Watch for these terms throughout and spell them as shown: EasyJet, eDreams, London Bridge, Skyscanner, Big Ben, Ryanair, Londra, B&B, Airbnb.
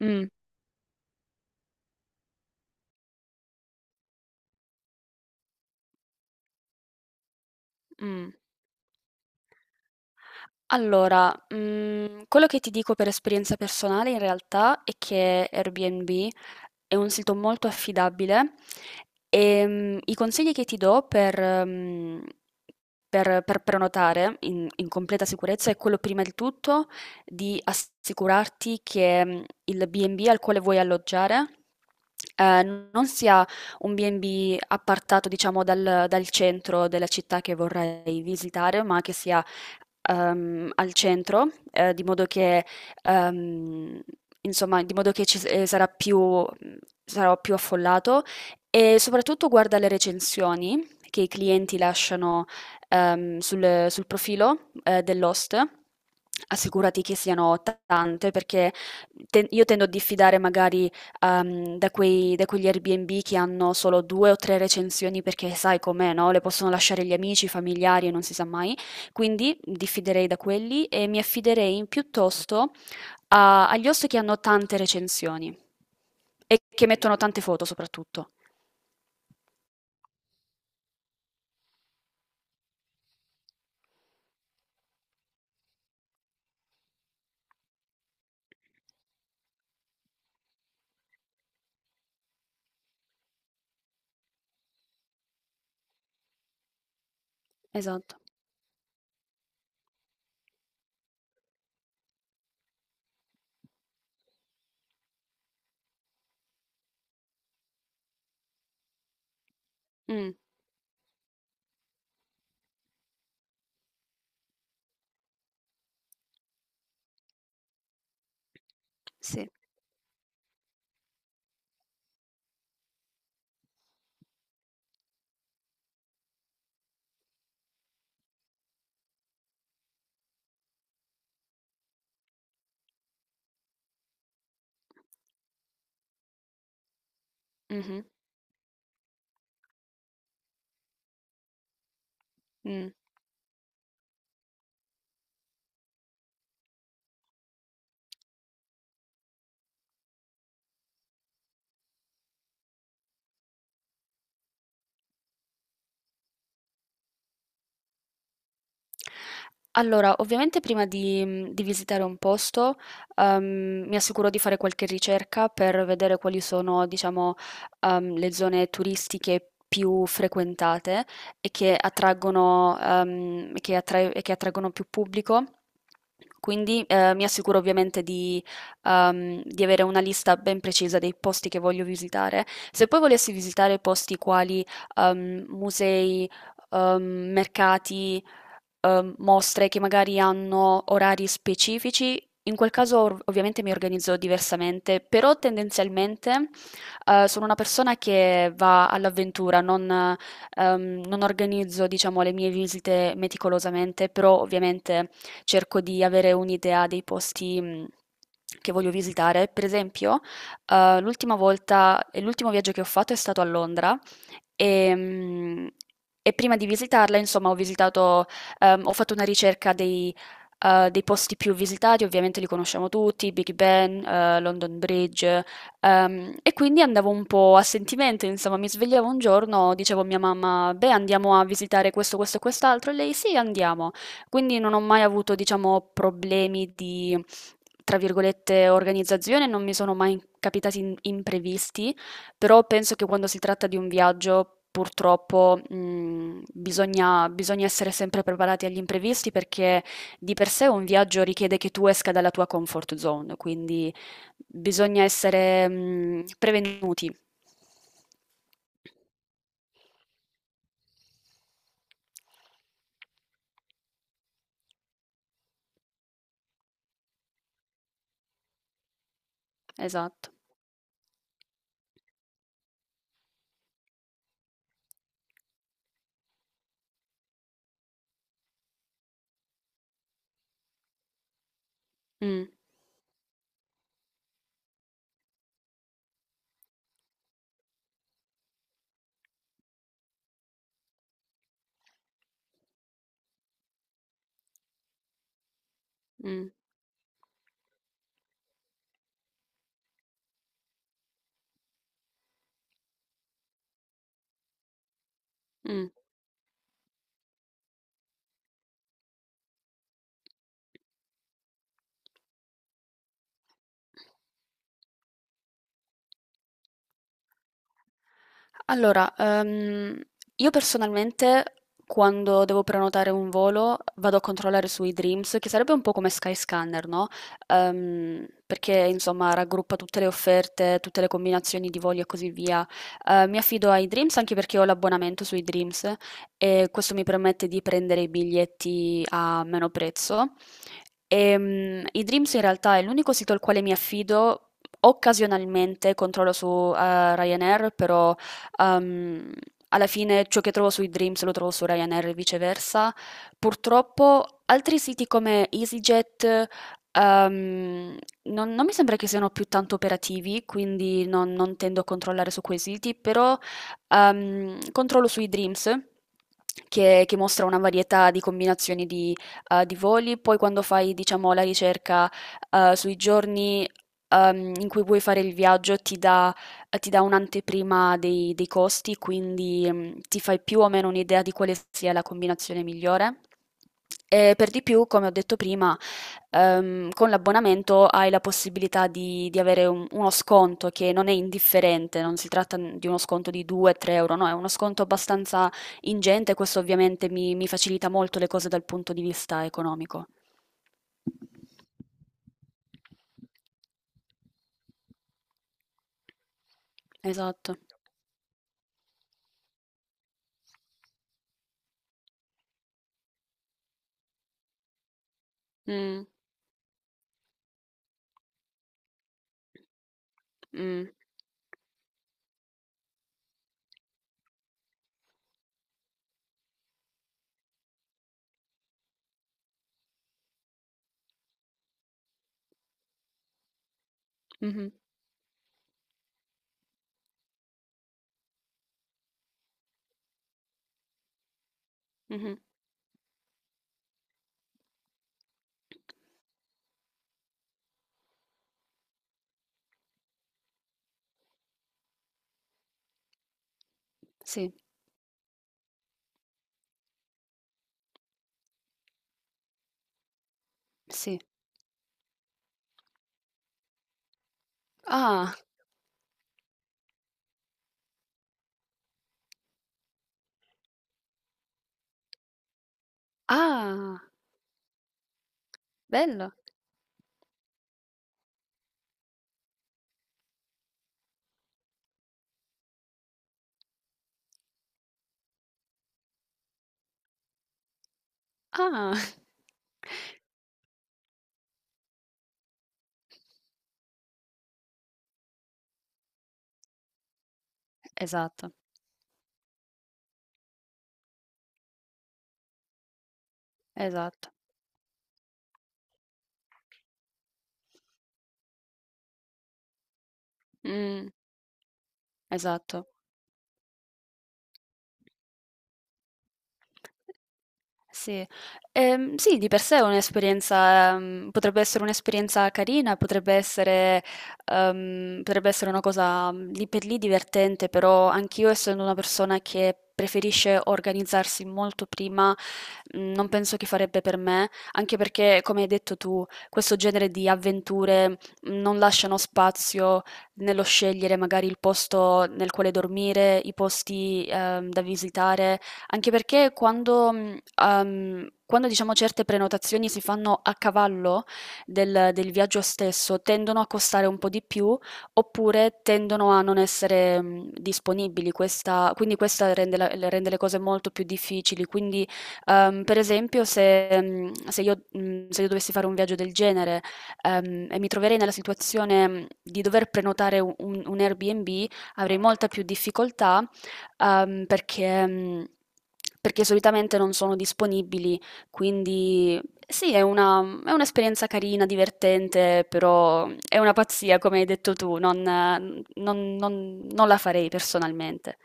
Mh, mh. Allora, quello che ti dico per esperienza personale in realtà è che Airbnb è un sito molto affidabile. I consigli che ti do per mhmm, per prenotare in completa sicurezza è quello, prima di tutto, di assicurarti che, il B&B al quale vuoi alloggiare, non sia un B&B appartato, diciamo, dal centro della città che vorrai visitare, ma che sia, al centro, di modo che, ehm, insomma, di modo che ci s- sarà più, sarò più affollato. E soprattutto guarda le recensioni che i clienti lasciano sul profilo dell'host. Assicurati che siano tante, perché io tendo a diffidare magari, da quegli Airbnb che hanno solo due o tre recensioni, perché sai com'è, no? Le possono lasciare gli amici, i familiari, e non si sa mai. Quindi diffiderei da quelli, e mi affiderei piuttosto agli host che hanno tante recensioni e che mettono tante foto soprattutto. Esatto. Mm, sì. Mhm, mm. Allora, ovviamente prima di visitare un posto, mi assicuro di fare qualche ricerca per vedere quali sono, diciamo, le zone turistiche più frequentate e che attraggono, che attrae e che attraggono più pubblico. Quindi, mi assicuro ovviamente di avere una lista ben precisa dei posti che voglio visitare. Se poi volessi visitare posti quali musei, ehm, mercati, mostre che magari hanno orari specifici, in quel caso ovviamente mi organizzo diversamente. Però tendenzialmente, sono una persona che va all'avventura, non organizzo, diciamo, le mie visite meticolosamente, però ovviamente cerco di avere un'idea dei posti che voglio visitare. Per esempio, l'ultima volta, l'ultimo viaggio che ho fatto è stato a Londra, e, mh, e prima di visitarla, insomma, ho visitato. Ho fatto una ricerca dei posti più visitati, ovviamente li conosciamo tutti: Big Ben, London Bridge. E quindi andavo un po' a sentimento, insomma, mi svegliavo un giorno, dicevo a mia mamma: beh, andiamo a visitare questo, questo e quest'altro; e lei: sì, andiamo. Quindi non ho mai avuto, diciamo, problemi di, tra virgolette, organizzazione, non mi sono mai capitati imprevisti. Però penso che, quando si tratta di un viaggio, purtroppo, bisogna essere sempre preparati agli imprevisti, perché di per sé un viaggio richiede che tu esca dalla tua comfort zone, quindi bisogna essere, prevenuti. Esatto. Mm, mm, mm. Allora, io personalmente, quando devo prenotare un volo, vado a controllare su eDreams, che sarebbe un po' come Skyscanner, no? Perché insomma raggruppa tutte le offerte, tutte le combinazioni di voli e così via. Mi affido a eDreams anche perché ho l'abbonamento su eDreams, e questo mi permette di prendere i biglietti a meno prezzo. eDreams in realtà è l'unico sito al quale mi affido. Occasionalmente controllo su Ryanair, però, Ehm, alla fine ciò che trovo sui Dreams lo trovo su Ryanair e viceversa. Purtroppo altri siti come EasyJet, ehm, non mi sembra che siano più tanto operativi, quindi non tendo a controllare su quei siti, però controllo sui Dreams. Che mostra una varietà di combinazioni di voli. Poi quando fai, diciamo, la ricerca sui giorni in cui vuoi fare il viaggio, ti dà un'anteprima dei costi, quindi ti fai più o meno un'idea di quale sia la combinazione migliore. E per di più, come ho detto prima, con l'abbonamento hai la possibilità di avere uno sconto che non è indifferente, non si tratta di uno sconto di 2-3 euro, no, è uno sconto abbastanza ingente, questo ovviamente mi facilita molto le cose dal punto di vista economico. Esatto. Mm, mm, mhm, mhm. Sì, sì. Ah. Ah, bello. Ah. Esatto, esatto. Mh, esatto. Sì. Sì, di per sé è un'esperienza, potrebbe essere un'esperienza carina, potrebbe essere, potrebbe essere una cosa, lì per lì divertente. Però anch'io, essendo una persona che preferisce organizzarsi molto prima, non penso che farebbe per me, anche perché, come hai detto tu, questo genere di avventure non lasciano spazio nello scegliere magari il posto nel quale dormire, i posti, da visitare. Anche perché, quando diciamo, certe prenotazioni si fanno a cavallo del viaggio stesso, tendono a costare un po' di più, oppure tendono a non essere, disponibili. Questa quindi questa rende la le rende le cose molto più difficili. Quindi, per esempio, se mhmm, se io mhmm, se io dovessi fare un viaggio del genere, e mi troverei nella situazione, di dover prenotare u un Airbnb, avrei molta più difficoltà, ehm, perché, mh, perché solitamente non sono disponibili, quindi sì, è un'esperienza carina, divertente, però è una pazzia, come hai detto tu. Non la farei personalmente.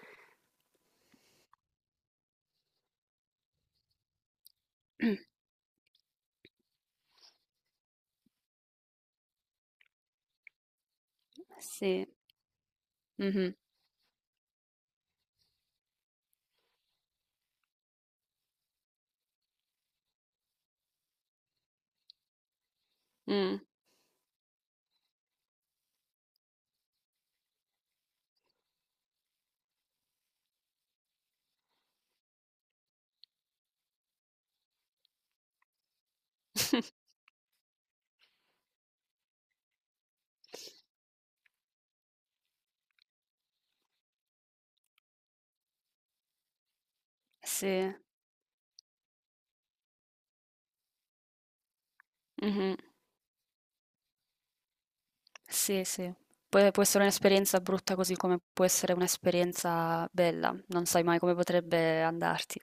Sì. Mhm, mm. Sì, mhm. Sì, sì. Può essere un'esperienza brutta così come può essere un'esperienza bella, non sai mai come potrebbe andarti.